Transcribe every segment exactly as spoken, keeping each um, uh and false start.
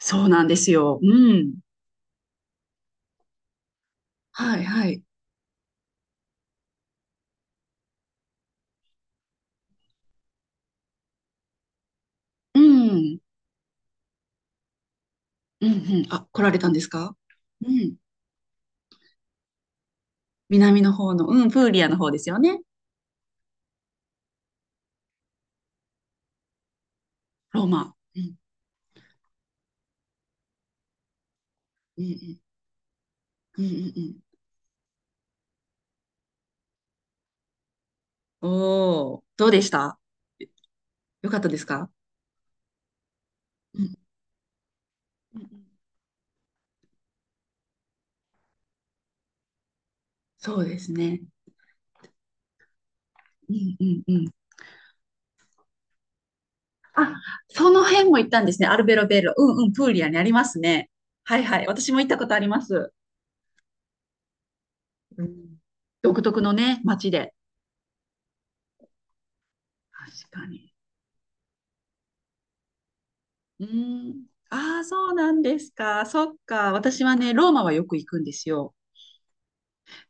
そうなんですよ。うん。はいはい。うん。うんうん。あ、来られたんですか？うん。南の方の、うん、プーリアの方ですよね。ローマ。うん。うんうん。うんうんうん。おお、どうでした？よかったですか？うん。うんうん。そうですね。うんうんうん。あ、その辺も行ったんですね。アルベロベール。うんうん。プーリアにありますね。はいはい。私も行ったことあります。うん、独特のね、街で。確かに。うーん。ああ、そうなんですか。そっか。私はね、ローマはよく行くんですよ。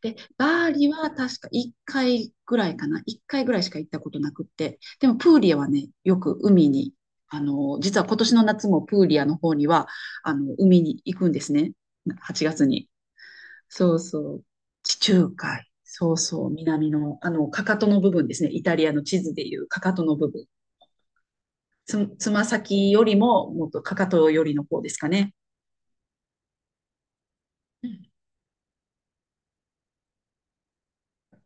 で、バーリは確かいっかいぐらいかな。いっかいぐらいしか行ったことなくって。でも、プーリアはね、よく海に、あの、実は今年の夏もプーリアの方には、あの、海に行くんですね。はちがつに。そうそう。地中海。そうそう。南の、あの、かかとの部分ですね。イタリアの地図でいうかかとの部分。つ、つま先よりも、もっとかかとよりの方ですかね。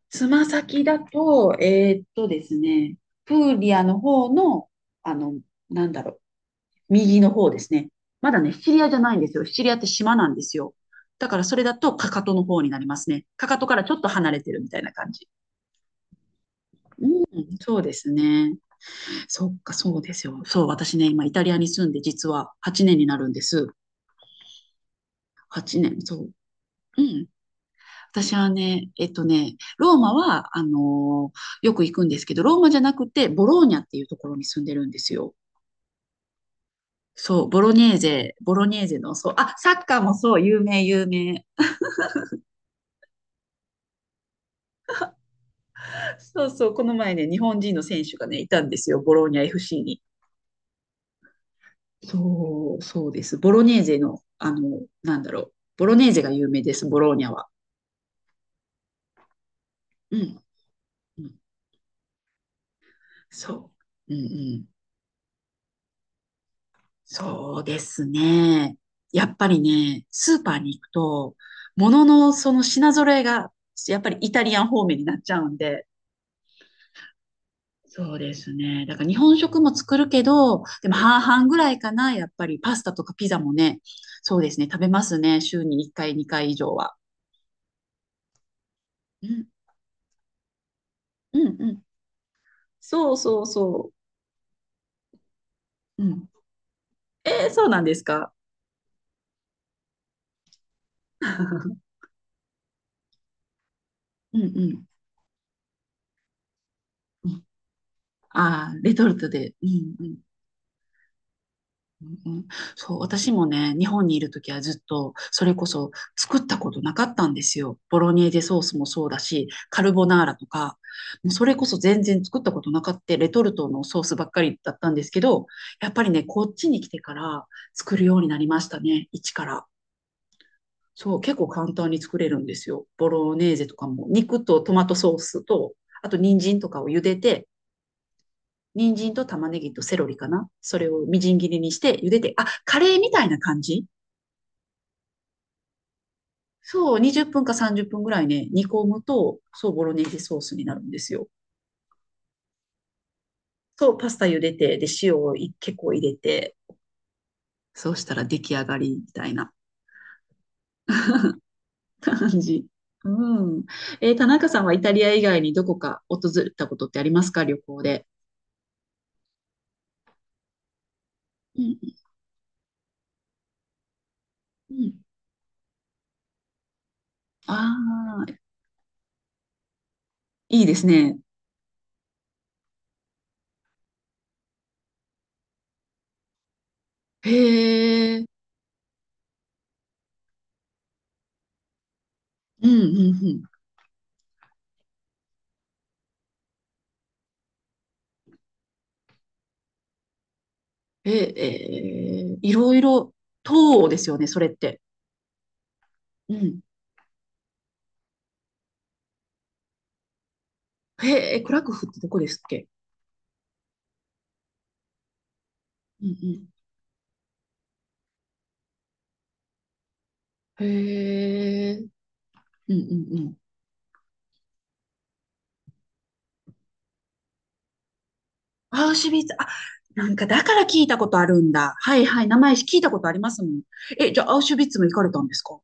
つま先だと、えーっとですね、プーリアの方の、あの、なんだろう、右の方ですね。まだね、シチリアじゃないんですよ。シチリアって島なんですよ。だからそれだとかかとの方になりますね。かかとからちょっと離れてるみたいな感じ。そうですね。そっか、そうですよ。そう、私ね、今イタリアに住んで実ははちねんになるんです。はちねん、そう。うん。私はね、えっとね、ローマは、あのーよく行くんですけど、ローマじゃなくて、ボローニャっていうところに住んでるんですよ。そう、ボロネーゼ、ボロネーゼの、そう、あ、サッカーもそう、有名、有名。そうそう、この前ね、日本人の選手がね、いたんですよ、ボローニャ エフシー に。そう、そうです。ボロネーゼの、あの、なんだろう、ボロネーゼが有名です、ボローニャは。うん、うん、そう、うん、うん。そうですね。やっぱりね、スーパーに行くと、もののその品揃えが、やっぱりイタリアン方面になっちゃうんで、そうですね。だから日本食も作るけど、でも半々ぐらいかな、やっぱりパスタとかピザもね、そうですね、食べますね、週にいっかい、にかい以上は。うん、うん、うん。そうそうそう。うん。えー、そうなんですか？うん、うん。ああー、レトルトで。うん、うん。うんうん、そう、私もね、日本にいるときはずっと、それこそ作ったことなかったんですよ。ボロネーゼソースもそうだし、カルボナーラとか、もうそれこそ全然作ったことなかった、レトルトのソースばっかりだったんですけど、やっぱりね、こっちに来てから作るようになりましたね、一から。そう、結構簡単に作れるんですよ。ボロネーゼとかも、肉とトマトソースと、あと人参とかを茹でて、人参と玉ねぎとセロリかな。それをみじん切りにして茹でて、あ、カレーみたいな感じ。そう、にじゅっぷんかさんじゅっぷんぐらいね、煮込むと、そう、ボロネーゼソースになるんですよ。そう、パスタ茹でて、で、塩をい結構入れて、そうしたら出来上がりみたいな 感じ。うん。えー田中さんはイタリア以外にどこか訪れたことってありますか、旅行で？うんうんうん。ああ、いいですね。へえ。うんうんうん。え、えーいろいろ、東欧ですよね、それって。うん。へえ、クラクフってどこですっけ？うんうん。へえ。うんうんうん。アウシュビッツ、あ、なんかだから聞いたことあるんだ。はいはい、名前聞いたことありますもん。え、じゃあアウシュビッツも行かれたんですか？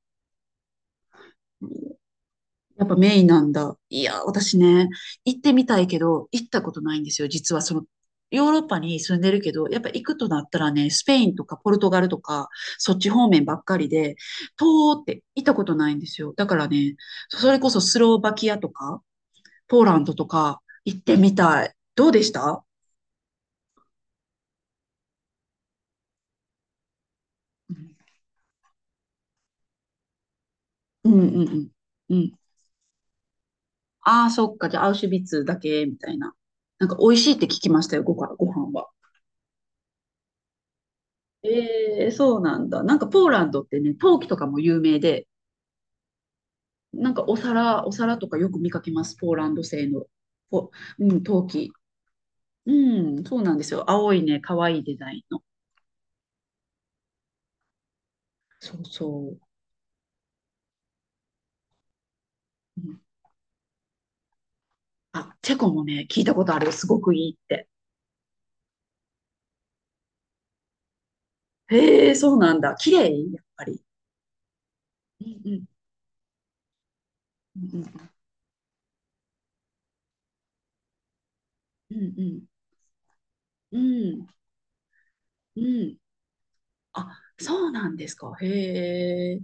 やっぱメインなんだ。いや、私ね、行ってみたいけど、行ったことないんですよ。実はその、ヨーロッパに住んでるけど、やっぱ行くとなったらね、スペインとかポルトガルとか、そっち方面ばっかりで、東欧って行ったことないんですよ。だからね、それこそスロバキアとか、ポーランドとか行ってみたい。どうでした？うんうんうん。うん。ああ、そっか。じゃあ、アウシュビッツだけ、みたいな。なんか、美味しいって聞きましたよ、ご飯、ご飯は。ええ、そうなんだ。なんか、ポーランドってね、陶器とかも有名で、なんか、お皿、お皿とかよく見かけます。ポーランド製の、ぽうん、陶器。うん、そうなんですよ。青いね、可愛いデザインの。そうそう。うん、あ、チェコもね、聞いたことあるよ。すごくいいって。へえ、そうなんだ。綺麗やっぱり。うんうん。うんうん。うんうん。うん。うん。あ、そうなんですか。へえ。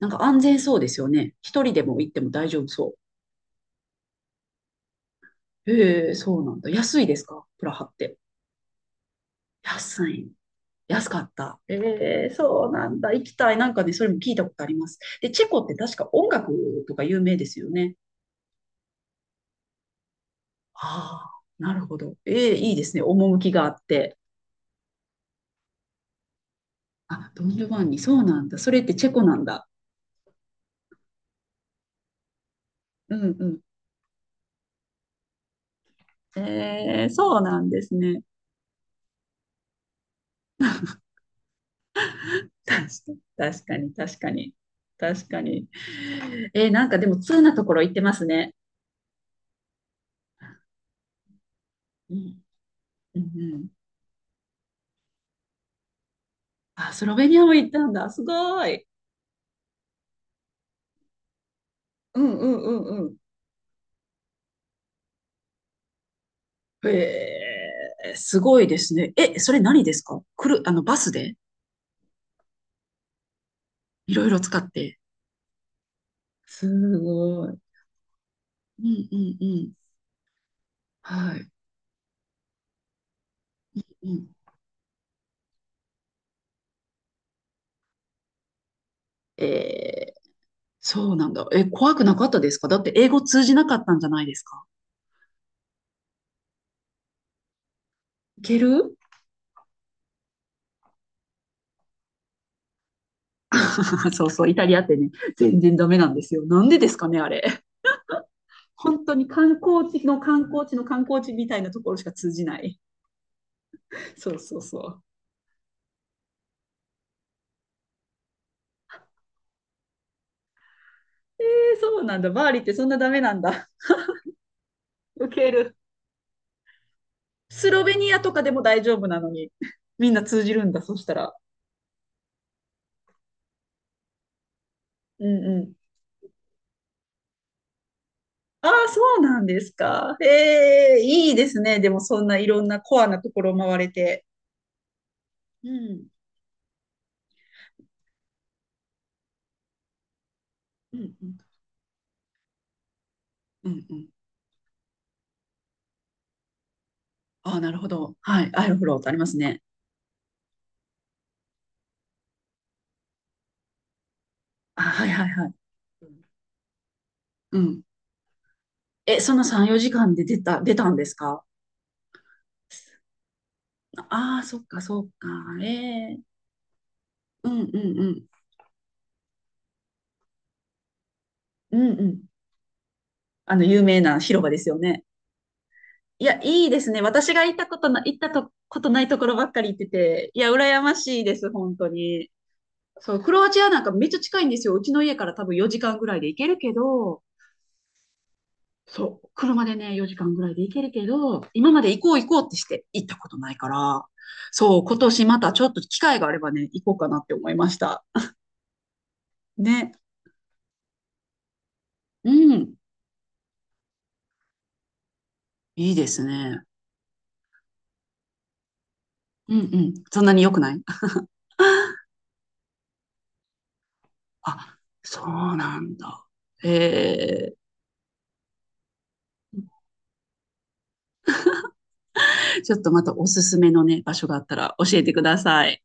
なんか安全そうですよね。一人でも行っても大丈夫そう。へえ、そうなんだ。安いですか、プラハって？安い。安かった。ええ、そうなんだ。行きたい。なんかね、それも聞いたことあります。で、チェコって確か音楽とか有名ですよね。ああ、なるほど。ええ、いいですね。趣があって。あ、ドン・ジョバンニ、そうなんだ。それってチェコなんだ。うんうん。ええ、そうなんですね。確か確かに、確かに。確かに。えーなんかでも通なところ行ってますね。うん、うん、うん。あ、スロベニアも行ったんだ。すごい。うんうんうんうん。へえ、すごいですね。え、それ何ですか？来る、あの、バスで？いろいろ使って。すごい。うんうんうん。はい。うん、えー、そうなんだ。え、怖くなかったですか？だって英語通じなかったんじゃないですか？いける？ そうそう、イタリアってね、全然ダメなんですよ。なんでですかね、あれ。本当に観光地の観光地の観光地みたいなところしか通じない。そうそうそう。えー、そうなんだ。バーリーってそんなダメなんだ。ウケる。スロベニアとかでも大丈夫なのに、みんな通じるんだ、そしたら。うんうん。ああ、そうなんですか。えー、いいですね。でも、そんないろんなコアなところを回れて。うん。うんうん。うんうん。ああ、なるほど。はい。アイロフロートありますね。あ、はいはいはい。うん。え、そのさん、よじかんで出た、出たんですか？ああー、そっか、そっか。ええ。うんうんうん。うんうん。あの、有名な広場ですよね。いや、いいですね。私が行ったことな、行ったとことないところばっかり行ってて、いや、羨ましいです、本当に。そう、クロアチアなんかめっちゃ近いんですよ。うちの家から多分よじかんぐらいで行けるけど、そう、車でね、よじかんぐらいで行けるけど、今まで行こう行こうってして行ったことないから、そう、今年またちょっと機会があればね、行こうかなって思いました。ね。うん。いいですね。うんうん。そんなに良くない？あ、そうなんだ。えー、ちょっとまたおすすめのね、場所があったら教えてください。